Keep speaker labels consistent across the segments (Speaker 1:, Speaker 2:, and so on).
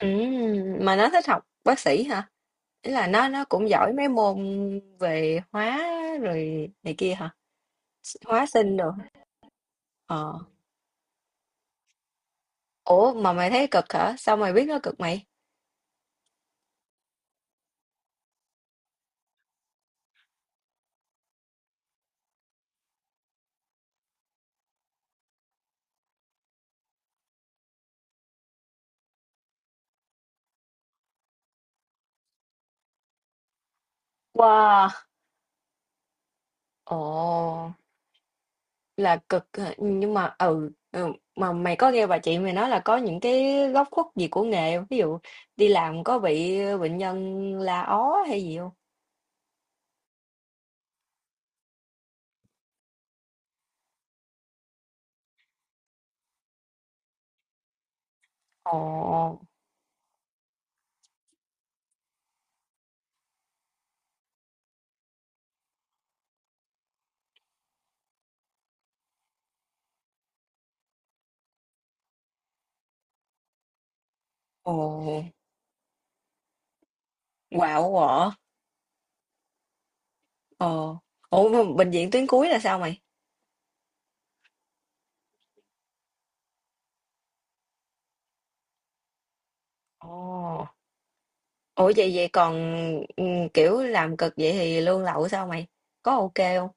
Speaker 1: Mà nó thích học bác sĩ hả? Ý là nó cũng giỏi mấy môn về hóa rồi này kia hả? Hóa sinh rồi. Ờ. Ủa mà mày thấy cực hả? Sao mày biết nó cực mày? Wow. Ồ, là cực hả? Nhưng mà mà mày có nghe bà chị mày nói là có những cái góc khuất gì của nghề không? Ví dụ đi làm có bị bệnh nhân la ó hay gì không? Ồ, ồ, quạo quọ. Ồ. Ủa mà bệnh viện tuyến cuối là sao mày? Ồ, ủa vậy vậy còn ừ, kiểu làm cực vậy thì lương lậu sao mày? Có ok không?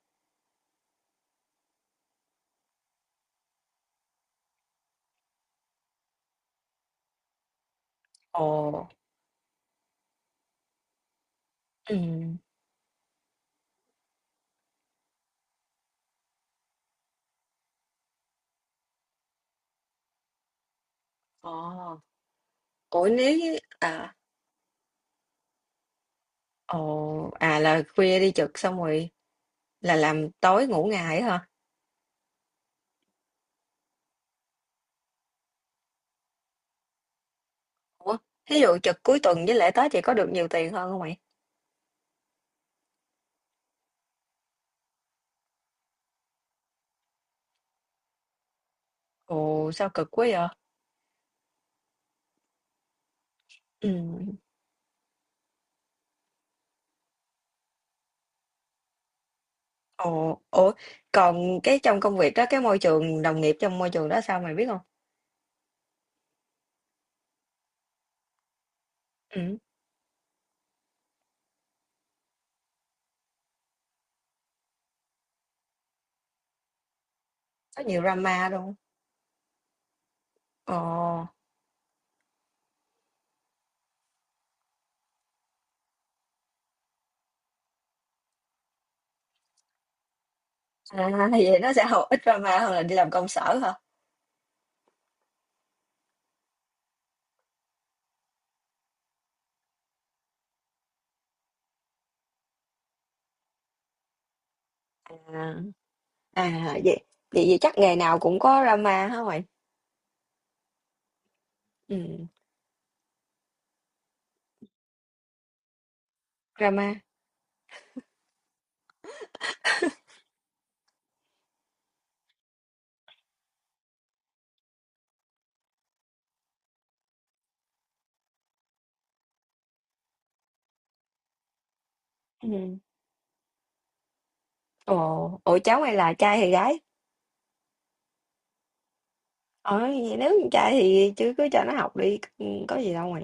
Speaker 1: Ồ, ừ. Ồ, ủa nếu như ồ, à là khuya đi trực xong rồi là làm tối ngủ ngày hả? Ủa, ví dụ trực cuối tuần với lễ Tết vậy có được nhiều tiền hơn không mày? Ồ, sao cực quá vậy? Ừ. Ồ, ủa, còn cái trong công việc đó, cái môi trường đồng nghiệp trong môi trường đó sao mày biết không? Ừ, có nhiều drama đúng không? Ồ. À, thì vậy nó sẽ học ít drama hơn là đi làm công sở hả? À, à vậy, vậy chắc nghề nào cũng có drama hả mày? Ừ, drama. Ừ. Ồ, ủa cháu mày là trai hay gái? Ờ, vậy nếu con trai thì chứ cứ cho nó học đi, ừ, có gì đâu mày.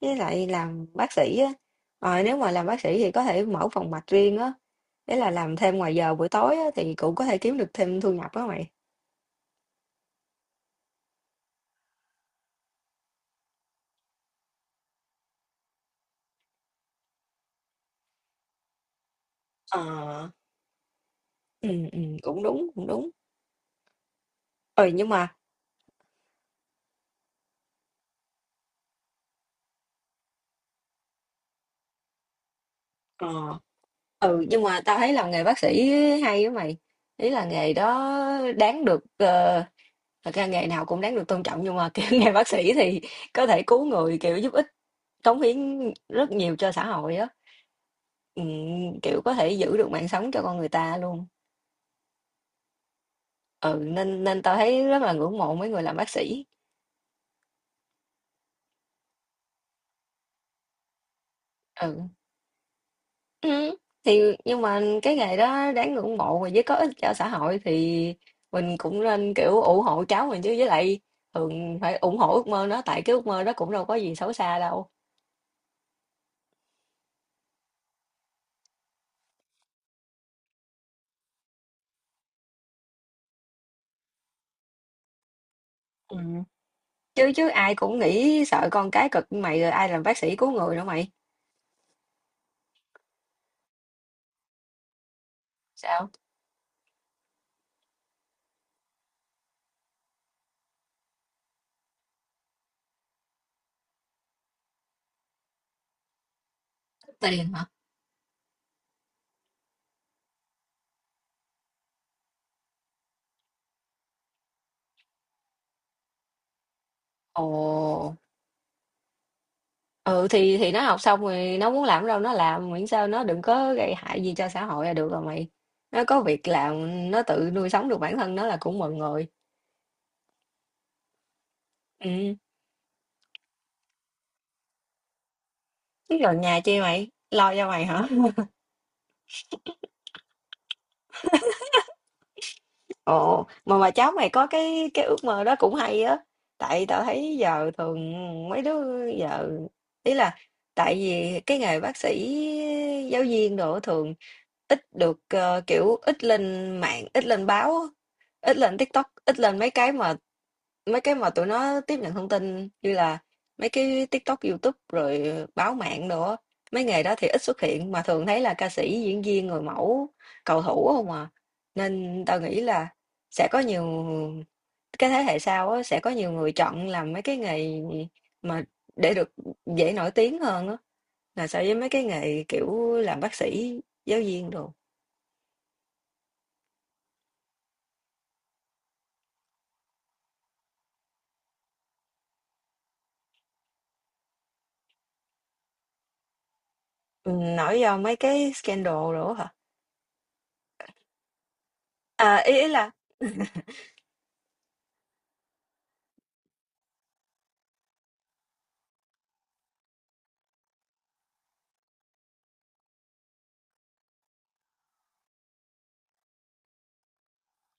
Speaker 1: Với lại làm bác sĩ á, ờ, nếu mà làm bác sĩ thì có thể mở phòng mạch riêng á, đấy là làm thêm ngoài giờ buổi tối á, thì cũng có thể kiếm được thêm thu nhập đó mày. Ờ, ừ, ừ, cũng đúng, cũng đúng. Ừ, nhưng mà ờ nhưng mà tao thấy làm nghề bác sĩ hay á mày, ý là nghề đó đáng được thật ra nghề nào cũng đáng được tôn trọng nhưng mà kiểu nghề bác sĩ thì có thể cứu người kiểu giúp ích cống hiến rất nhiều cho xã hội á. Ừ, kiểu có thể giữ được mạng sống cho con người ta luôn. Ừ nên nên tao thấy rất là ngưỡng mộ mấy người làm bác sĩ. Ừ. Ừm, thì nhưng mà cái nghề đó đáng ngưỡng mộ và với có ích cho xã hội thì mình cũng nên, kiểu, ủng hộ cháu mình chứ, với lại thường phải ủng hộ ước mơ nó, tại cái ước mơ đó cũng đâu có gì xấu xa đâu. Ừm. Chứ chứ ai cũng nghĩ sợ con cái cực như mày rồi ai làm bác sĩ cứu người nữa mày. Sao? Tiền hả? Ồ, ừ, thì nó học xong rồi nó muốn làm đâu nó làm, miễn sao nó đừng có gây hại gì cho xã hội là được rồi mày. Nó có việc làm, nó tự nuôi sống được bản thân nó là cũng mừng rồi. Ừm. Cái lò nhà chi mày? Lo cho mày hả? Ồ, mà cháu mày có cái ước mơ đó cũng hay á. Tại tao thấy giờ thường mấy đứa giờ ý là tại vì cái nghề bác sĩ giáo viên đồ thường ít được kiểu ít lên mạng, ít lên báo, á, ít lên TikTok, ít lên mấy cái mà tụi nó tiếp nhận thông tin như là mấy cái TikTok, YouTube rồi báo mạng đồ á. Mấy nghề đó thì ít xuất hiện mà thường thấy là ca sĩ, diễn viên, người mẫu, cầu thủ không à. Nên tao nghĩ là sẽ có nhiều cái thế hệ sau á, sẽ có nhiều người chọn làm mấy cái nghề mà để được dễ nổi tiếng hơn á, là so với mấy cái nghề, kiểu, làm bác sĩ, giáo viên đồ. Nổi do mấy cái scandal đồ hả? À, ý ý là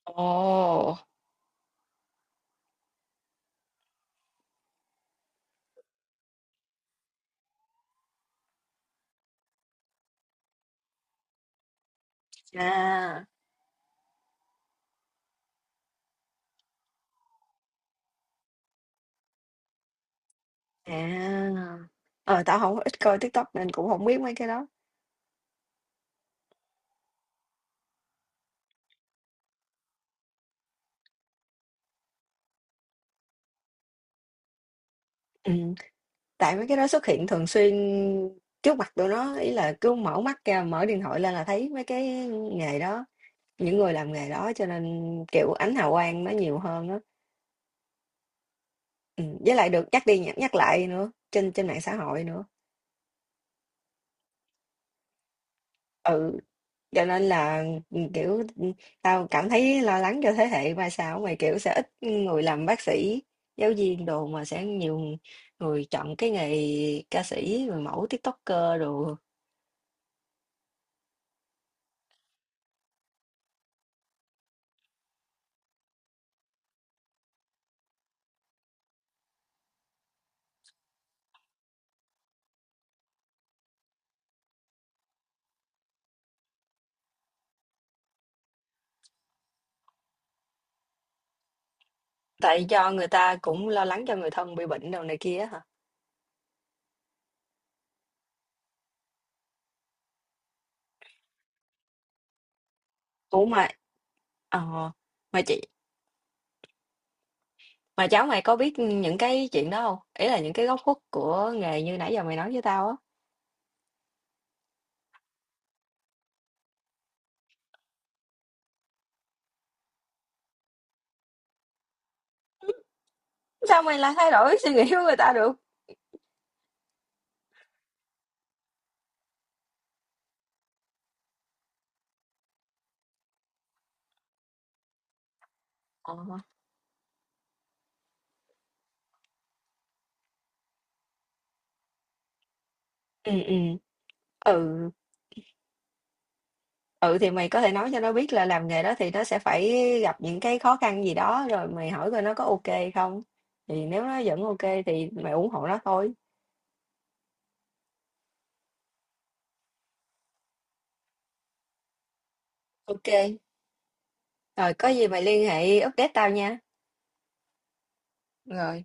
Speaker 1: ồ, à, à. Ờ, tao không ít coi TikTok nên cũng không biết mấy cái đó. Ừm, tại mấy cái đó xuất hiện thường xuyên trước mặt tụi nó, ý là cứ mở mắt ra, mở điện thoại lên là thấy mấy cái nghề đó. Những người làm nghề đó cho nên, kiểu, ánh hào quang nó nhiều hơn á. Với lại được nhắc đi nhắc nhắc lại nữa, trên trên mạng xã hội nữa. Ừ, cho nên là, ừ, kiểu, ừ, tao cảm thấy lo lắng cho thế hệ mai sau mày, kiểu, sẽ ít người làm bác sĩ, giáo viên đồ mà sẽ nhiều người chọn cái nghề ca sĩ, người mẫu, TikToker đồ. Tại do người ta cũng lo lắng cho người thân bị bệnh đồ này kia á hả? Ủa mà ờ, mà chị. Mà cháu mày có biết những cái chuyện đó không? Ý là những cái góc khuất của nghề như nãy giờ mày nói với tao á. Sao mày lại thay đổi suy nghĩ của người ta được? Ờ. Ừ, ừ. Ừ, ừ, thì mày có thể nói cho nó biết là làm nghề đó thì nó sẽ phải gặp những cái khó khăn gì đó, rồi mày hỏi coi nó có OK không. Thì nếu nó vẫn OK thì mày ủng hộ nó thôi. OK, rồi có gì mày liên hệ update tao nha. Rồi.